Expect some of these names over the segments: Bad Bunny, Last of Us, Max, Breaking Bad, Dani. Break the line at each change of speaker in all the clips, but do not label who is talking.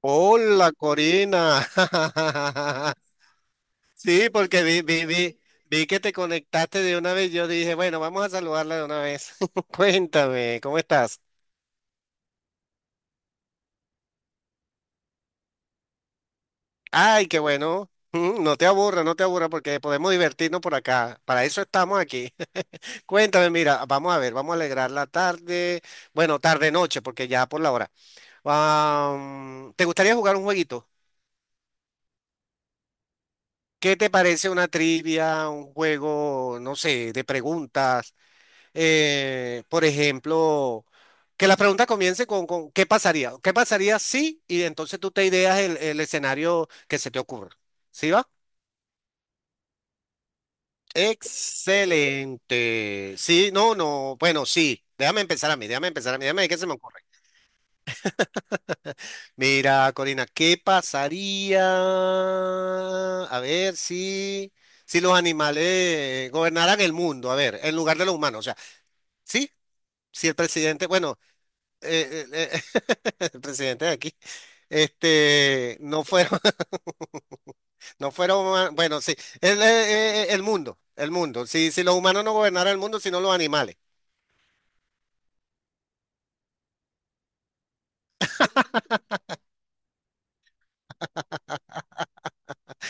Hola, Corina. Sí, porque vi que te conectaste de una vez. Yo dije, bueno, vamos a saludarla de una vez. Cuéntame, ¿cómo estás? Ay, qué bueno. No te aburra, no te aburra, porque podemos divertirnos por acá. Para eso estamos aquí. Cuéntame, mira, vamos a ver, vamos a alegrar la tarde. Bueno, tarde noche, porque ya por la hora. Ah, ¿te gustaría jugar un jueguito? ¿Qué te parece una trivia, un juego, no sé, de preguntas? Por ejemplo, que la pregunta comience con ¿qué pasaría? ¿Qué pasaría si? Y entonces tú te ideas el escenario que se te ocurra. ¿Sí va? Excelente. Sí, no, no. Bueno, sí. Déjame empezar a mí, déjame empezar a mí, déjame ver qué se me ocurre. Mira, Corina, ¿qué pasaría? A ver si los animales gobernaran el mundo, a ver, en lugar de los humanos. O sea, sí, si el presidente, bueno, eh, eh, eh, el presidente de aquí, este, no fueron, no fueron, bueno, sí, el mundo, si los humanos no gobernaran el mundo, sino los animales.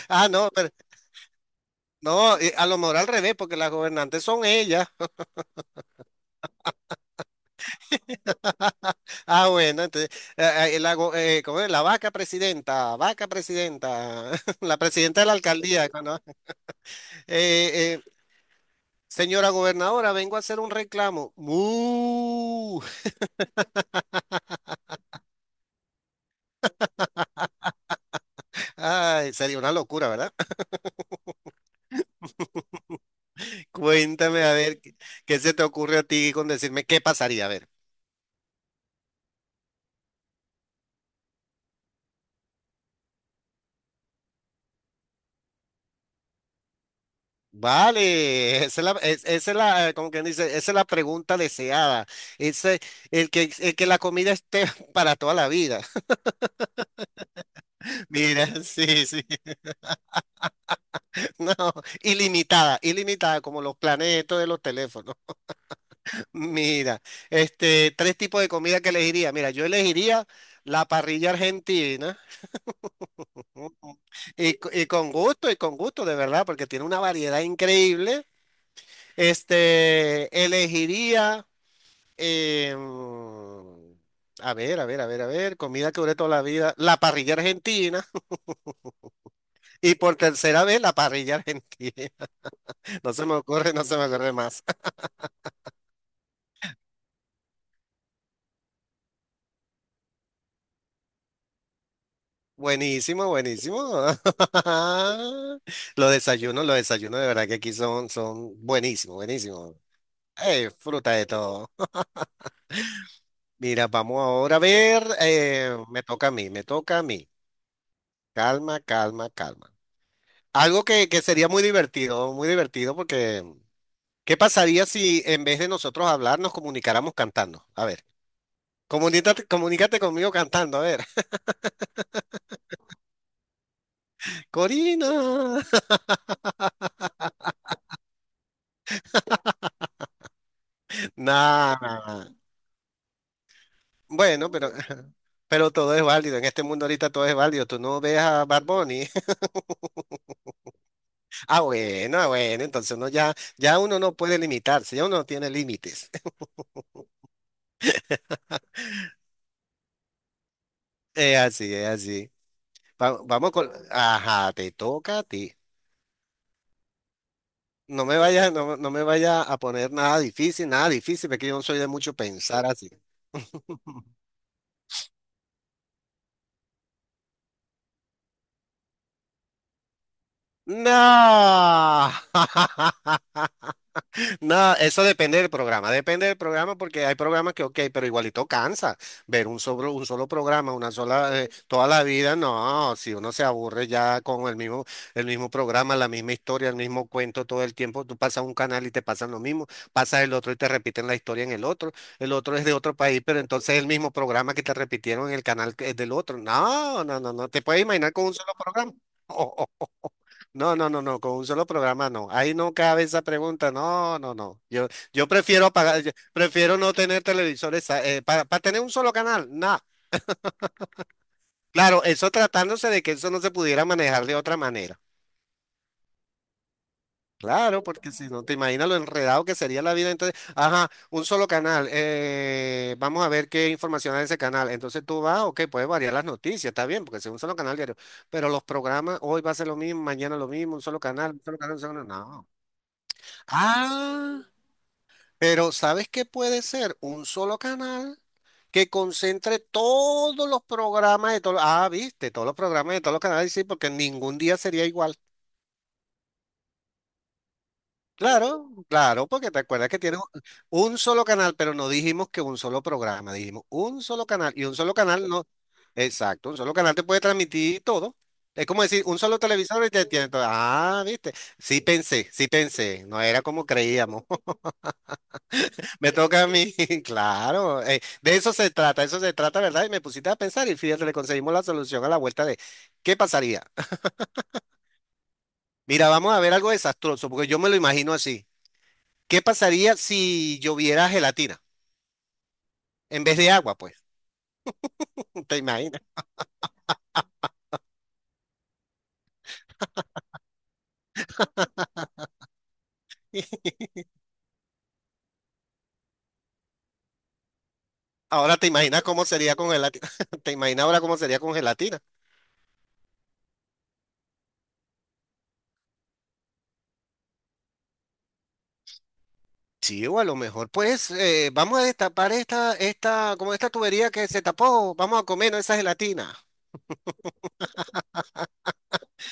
Ah, no, pero no, a lo mejor al revés, porque las gobernantes son ellas. Ah, bueno, entonces, ¿cómo es? La vaca presidenta, la presidenta de la alcaldía, ¿no? Eh, eh, Señora gobernadora, vengo a hacer un reclamo. ¡Mu! Ay, sería una locura, ¿verdad? Cuéntame, a ver, ¿qué se te ocurre a ti con decirme qué pasaría? A ver. Vale, esa es la, como quien dice, esa es la pregunta deseada. Ese, el que la comida esté para toda la vida. Mira, sí, sí. No, ilimitada, ilimitada, como los planetos de los teléfonos. Mira, este, tres tipos de comida que elegiría. Mira, yo elegiría la parrilla argentina. Y, y con gusto, de verdad, porque tiene una variedad increíble. Este, elegiría, em, a ver, comida que duré toda la vida, la parrilla argentina. Y por tercera vez, la parrilla argentina. No se me ocurre, no se me ocurre más. Buenísimo, buenísimo. Los desayunos de verdad que aquí son buenísimos, buenísimos. Fruta de todo. Mira, vamos ahora a ver, me toca a mí, me toca a mí. Calma, calma, calma. Algo que sería muy divertido, porque ¿qué pasaría si en vez de nosotros hablar nos comunicáramos cantando? A ver, comunícate, comunícate conmigo cantando, a ver. Corina. Nada. Bueno, pero, pero todo es válido. En este mundo ahorita todo es válido. Tú no ves a Bad Bunny. Ah, bueno, ah, bueno. Entonces ya uno no puede limitarse, ya uno no tiene límites. Es así, es así. Vamos con. Ajá, te toca a ti. No me vaya, no, no me vaya a poner nada difícil, nada difícil, porque yo no soy de mucho pensar así. ¡No! No, eso depende del programa porque hay programas que, ok, pero igualito cansa ver un solo programa, una sola, toda la vida, no, si uno se aburre ya con el mismo programa, la misma historia, el mismo cuento todo el tiempo, tú pasas un canal y te pasan lo mismo, pasas el otro y te repiten la historia en el otro es de otro país, pero entonces es el mismo programa que te repitieron en el canal que es del otro, no, no, no, no, te puedes imaginar con un solo programa. No, no, no, no, con un solo programa no. Ahí no cabe esa pregunta. No, no, no. Yo prefiero pagar, yo prefiero no tener televisores para, tener un solo canal. No. Claro, eso tratándose de que eso no se pudiera manejar de otra manera. Claro, porque si no te imaginas lo enredado que sería la vida, entonces, ajá, un solo canal. Eh, vamos a ver qué información hay en ese canal. Entonces tú vas, ok, puedes variar las noticias, está bien, porque si es un solo canal diario. Pero los programas, hoy va a ser lo mismo, mañana lo mismo, un solo canal, un solo canal, un solo canal. No. Ah. Pero ¿sabes qué puede ser? Un solo canal que concentre todos los programas de todos. Ah, viste, todos los programas de todos los canales, sí, porque ningún día sería igual. Claro, claro, porque te acuerdas que tienes un solo canal, pero no dijimos que un solo programa, dijimos un solo canal. Y un solo canal no. Exacto, un solo canal te puede transmitir todo. Es como decir, un solo televisor y te tiene todo. Ah, viste. Sí pensé, sí pensé. No era como creíamos. Me toca a mí, claro. Eh, de eso se trata, ¿verdad? Y me pusiste a pensar y fíjate, le conseguimos la solución a la vuelta de ¿qué pasaría? Mira, vamos a ver algo desastroso, porque yo me lo imagino así. ¿Qué pasaría si lloviera gelatina en vez de agua, pues? ¿Te imaginas? Ahora te imaginas cómo sería con gelatina. ¿Te imaginas ahora cómo sería con gelatina? Sí, o a lo mejor, pues, vamos a destapar como esta tubería que se tapó, vamos a comer ¿no? esa gelatina.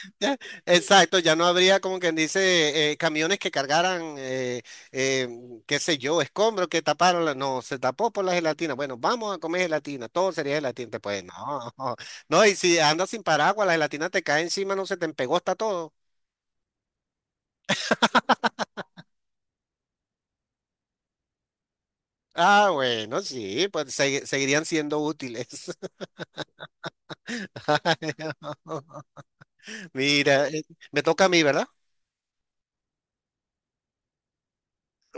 Exacto, ya no habría como quien dice camiones que cargaran, eh, qué sé yo, escombros que taparon, no, se tapó por la gelatina. Bueno, vamos a comer gelatina, todo sería gelatina. Pues no, no, y si andas sin paraguas, la gelatina te cae encima, no se te empegó, está todo. Ah, bueno, sí, pues seguirían siendo útiles. Mira, me toca a mí, ¿verdad?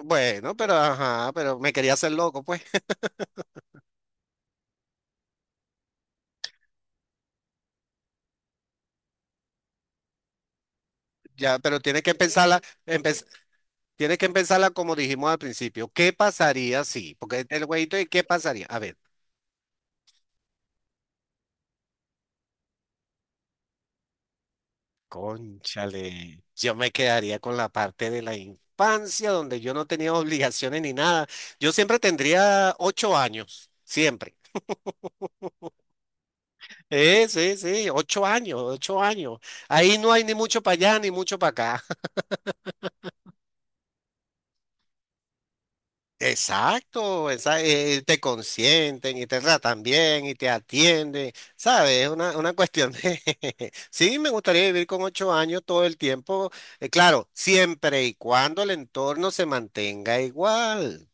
Bueno, pero ajá, pero me quería hacer loco, pues. Ya, pero tienes que empezarla, tienes que empezarla como dijimos al principio. ¿Qué pasaría si? Porque el güeyito de qué pasaría. A ver, cónchale. Yo me quedaría con la parte de la infancia donde yo no tenía obligaciones ni nada. Yo siempre tendría ocho años, siempre. Sí, sí, ocho años, ocho años. Ahí no hay ni mucho para allá ni mucho para acá. Exacto, te consienten y te tratan bien y te atienden, ¿sabes? Es una cuestión de... Sí, me gustaría vivir con ocho años todo el tiempo, claro, siempre y cuando el entorno se mantenga igual,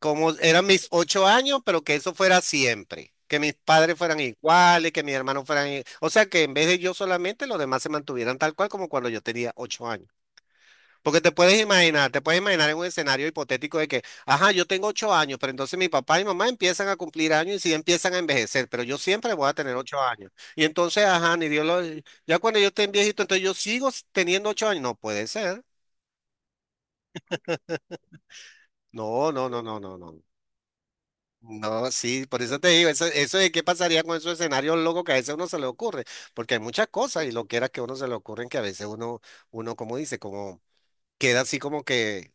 como eran mis ocho años, pero que eso fuera siempre, que mis padres fueran iguales, que mis hermanos fueran... O sea, que en vez de yo solamente, los demás se mantuvieran tal cual como cuando yo tenía ocho años. Porque te puedes imaginar en un escenario hipotético de que, ajá, yo tengo ocho años, pero entonces mi papá y mamá empiezan a cumplir años y sí empiezan a envejecer, pero yo siempre voy a tener ocho años. Y entonces, ajá, ni Dios lo... Ya cuando yo esté viejito, entonces yo teniendo ocho años. No puede ser. No, no, no, no, no, no. No, sí, por eso te digo, eso de qué pasaría con esos escenarios locos que a veces a uno se le ocurre, porque hay muchas cosas y lo que era que a uno se le ocurren que a veces como dice, como queda así como que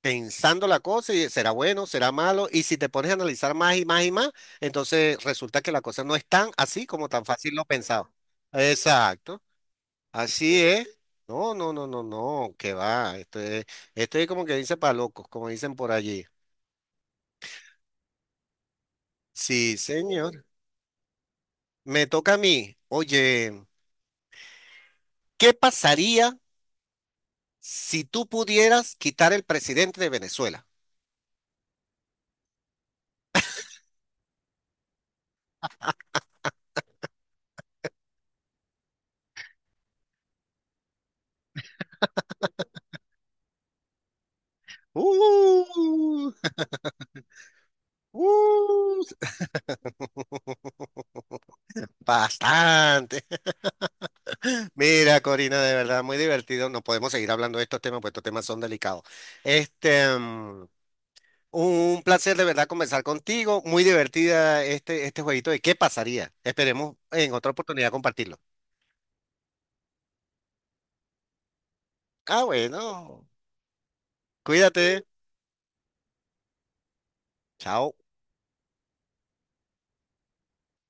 pensando la cosa y será bueno, será malo, y si te pones a analizar más y más y más, entonces resulta que la cosa no es tan así como tan fácil lo pensado. Exacto, así es. No, no, no, no, no, que va. Esto es como que dice para locos, como dicen por allí. Sí, señor. Me toca a mí. Oye, ¿qué pasaría si tú pudieras quitar el presidente de Venezuela? Uh, uh, bastante. Mira, Corina, de verdad, muy divertido. No podemos seguir hablando de estos temas, pues estos temas son delicados. Este, mm, un placer de verdad conversar contigo. Muy divertida este, este jueguito de qué pasaría. Esperemos en otra oportunidad compartirlo. Ah, bueno, cuídate. Chao.